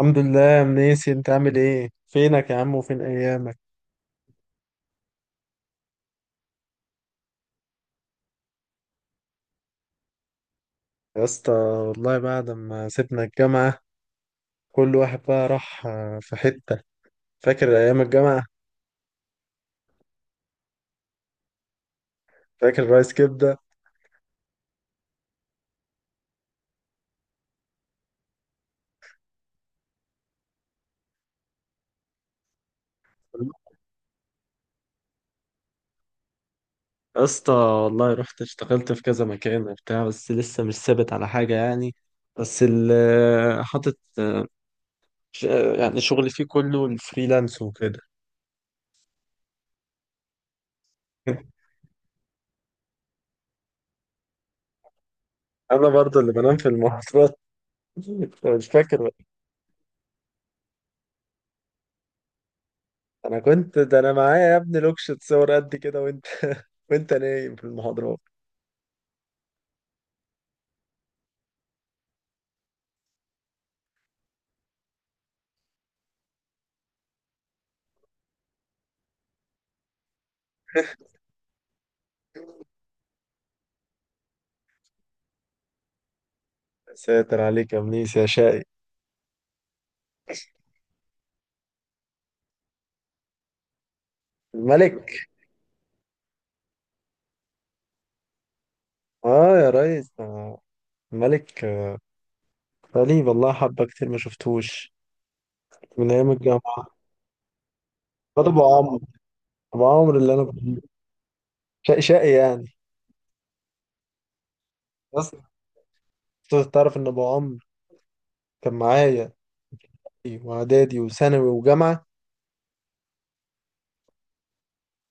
الحمد لله يا منيسي، انت عامل ايه؟ فينك يا عم وفين ايامك؟ يا اسطى والله بعد ما سيبنا الجامعة كل واحد بقى راح في حتة. فاكر ايام الجامعة؟ فاكر رايس كبدة؟ يا اسطى والله رحت اشتغلت في كذا مكان وبتاع، بس لسه مش ثابت على حاجة يعني. بس اللي حاطط ش- يعني شغلي فيه كله الفريلانس وكده. انا برضه اللي بنام في المحاضرات. مش فاكر. انا كنت، ده انا معايا يا ابني لوكشة صور قد كده وانت وانت نايم في المحاضرات. ساتر عليك يا منيس يا شقي. الملك. اه يا ريس، ده الملك. بقالي والله حبة كتير ما شفتوش، من ايام الجامعة. ده ابو عمرو. ابو عمرو اللي انا شقي شقي يعني. بس تعرف ان ابو عمرو كان معايا واعدادي وثانوي وجامعة.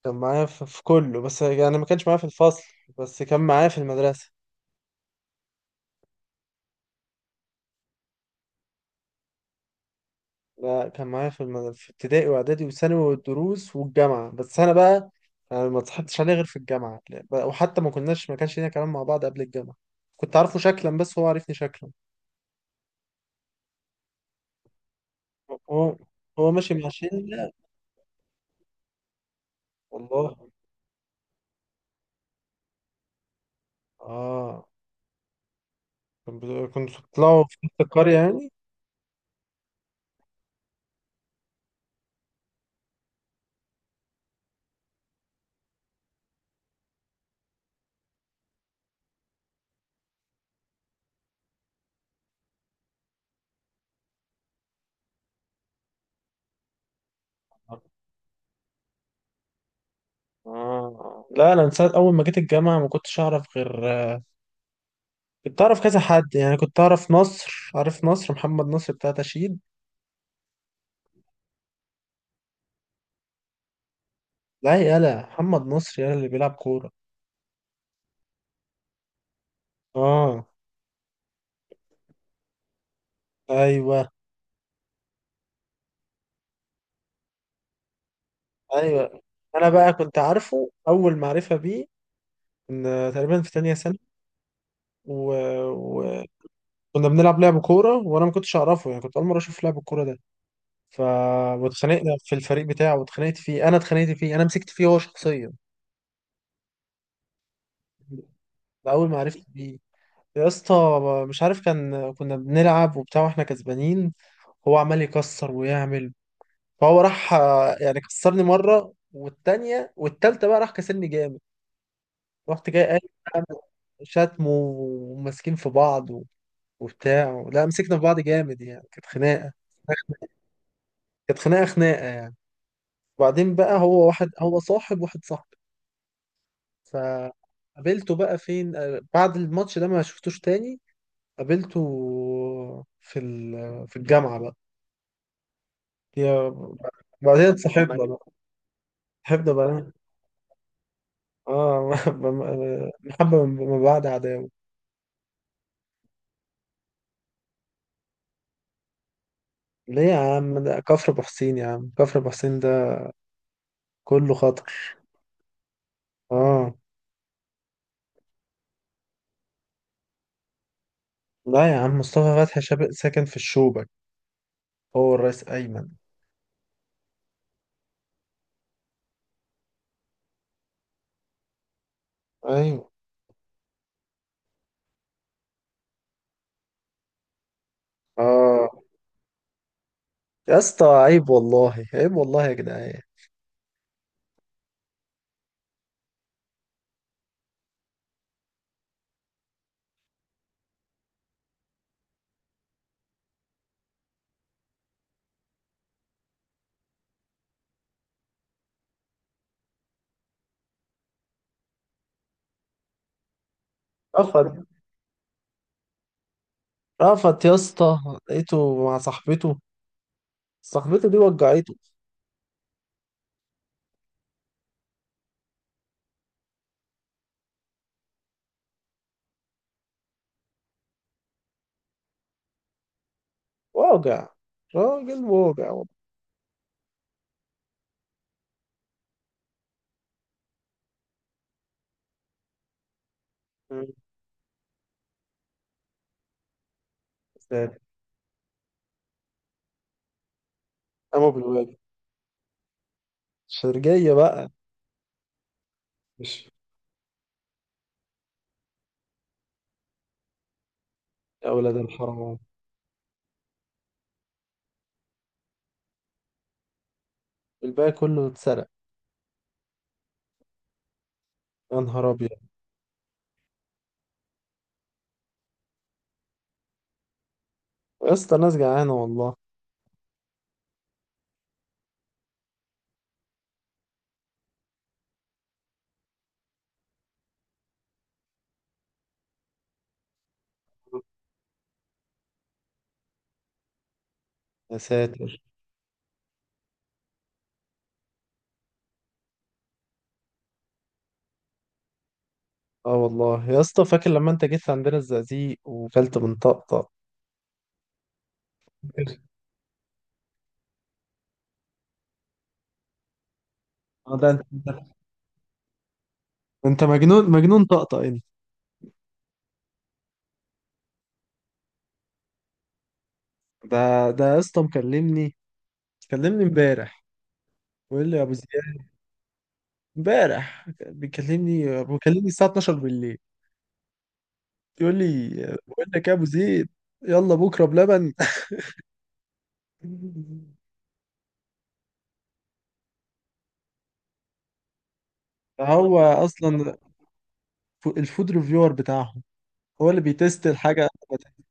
كان معايا في كله، بس يعني ما كانش معايا في الفصل، بس كان معايا في المدرسة. لا، كان معايا في في ابتدائي واعدادي وثانوي والدروس والجامعه. بس انا بقى انا ما اتصاحبتش عليه غير في الجامعه، لا، بقى- وحتى ما كناش، ما كانش لينا كلام مع بعض قبل الجامعه. كنت عارفه شكلا بس هو عارفني شكلا. هو. هو ماشي مع شله. والله. اه، كان كنتوا بتطلعوا في نفس القريه يعني. آه. لا، انا من ساعه اول ما جيت الجامعه ما كنتش اعرف غير، كنت اعرف كذا حد يعني. كنت اعرف نصر، عارف نصر؟ محمد نصر بتاع تشييد. لا، يالا محمد نصر، يالا اللي بيلعب كوره. اه. ايوه. ايوه، انا بقى كنت عارفه اول معرفه بيه ان تقريبا في تانية سنه، و... و... كنا بنلعب لعب كوره وانا ما كنتش اعرفه يعني، كنت اول مره اشوف لعب الكوره ده. ف واتخانقنا في الفريق بتاعه، واتخانقت فيه انا، اتخانقت فيه انا، مسكت فيه هو شخصيا. ده اول ما عرفت بيه. يا اسطى مش عارف، كان كنا بنلعب وبتاع واحنا كسبانين، هو عمال يكسر ويعمل. فهو راح يعني كسرني مره والتانية والتالتة، بقى راح كسرني جامد. رحت جاي قايل بقى، شتم وماسكين في بعض وبتاع. لا، مسكنا في بعض جامد يعني، كانت خناقة. كانت خناقة خناقة يعني. وبعدين بقى هو واحد، هو صاحب واحد صاحبي. فقابلته بقى فين بعد الماتش ده، ما شفتوش تاني. قابلته في في الجامعة بقى. يا، بعدين اتصاحبنا بقى. صاحبنا بقى. اه محبة من بعد عداوة. ليه يا عم؟ ده كفر ابو حسين يا عم، كفر ابو حسين ده كله خطر. اه. لا يا عم، مصطفى فتحي شاب ساكن في الشوبك، هو الرئيس أيمن. أيوه. آه. يا اسطى عيب والله، عيب والله يا جدعان. رفض. رفض يا اسطى. لقيته مع صاحبته. صاحبته دي وجعته. واجع. راجل واجع والله. مم. ساتر. قاموا بالواجب. شرجية بقى. مش. يا ولاد الحرام، الباقي كله اتسرق. يا نهار أبيض. يا اسطى ناس جعانة والله. يا ساتر. اه والله يا اسطى، فاكر لما انت جيت عندنا الزقازيق وكلت من طقطق؟ اه ده انت، انت، انت مجنون، مجنون طقطق انت. ده ده يا اسطى مكلمني، كلمني امبارح، بيقول لي يا ابو زياد. امبارح بيكلمني، بيكلمني الساعه 12 بالليل، يقول لي، بقول لك يا ابو زيد، يلا بكره بلبن. هو اصلا الفود ريفيور بتاعهم، هو اللي بيتست الحاجه قبل ما تنزل.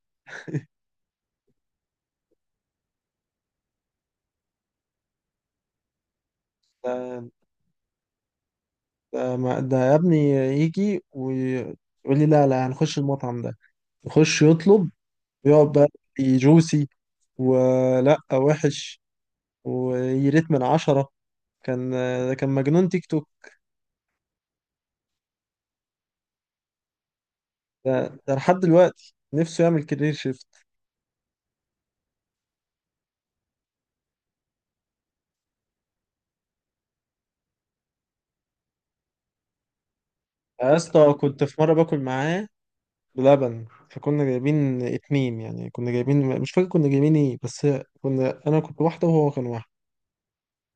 ده ده ده يا ابني يجي ويقول لي لا لا، هنخش المطعم ده. يخش يطلب، يقعد بقى، جوسي ولا وحش، ويريت من عشرة. كان، ده كان مجنون تيك توك. ده لحد دلوقتي نفسه يعمل كارير شيفت. يا اسطى كنت في مرة باكل معاه بلبن، فكنا جايبين اتنين يعني، كنا جايبين مش فاكر كنا جايبين ايه، بس كنا، انا كنت واحدة وهو كان واحد.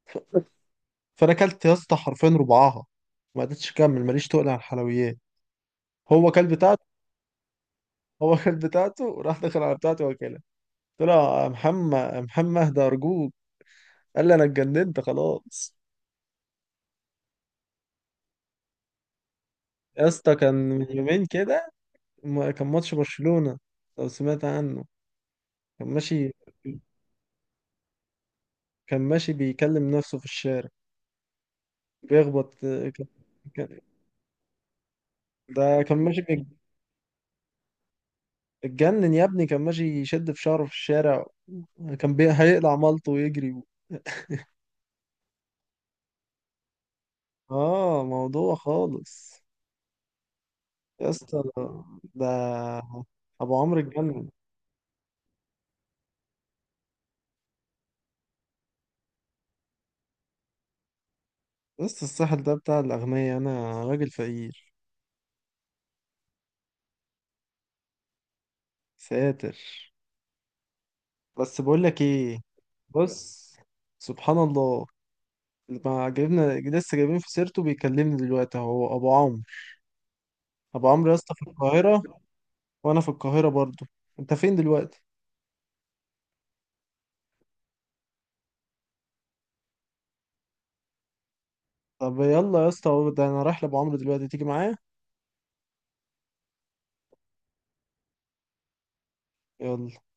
ف- فانا اكلت يا اسطى حرفيا ربعاها، ما قدرتش اكمل، ماليش تقل على الحلويات. هو كل بتاعته. هو كل بتاعته وراح دخل على بتاعته واكلها. قلت له يا محمد يا محمد اهدى ارجوك، قال لي انا اتجننت خلاص. يا اسطى كان من يومين كده، كان ماتش برشلونة، لو سمعت عنه. كان ماشي. كان ماشي بيكلم نفسه في الشارع، بيخبط، كان... كان... ده كان ماشي اتجنن يا ابني، كان ماشي يشد في شعره في الشارع، كان بي... هيقلع مالته ويجري. اه، موضوع خالص. يا اسطى ده ابو عمرو اتجنن. بس الساحل ده بتاع الاغنياء، انا راجل فقير. ساتر. بس بقول لك ايه، بص، سبحان الله، ما جبنا لسه جايبين في سيرته بيكلمني دلوقتي اهو ابو عمرو. ابو عمرو يا اسطى في القاهرة، وانا في القاهرة برضو. انت فين دلوقتي؟ طب يلا يا اسطى، ده انا رايح لابو عمرو دلوقتي، تيجي معايا؟ يلا.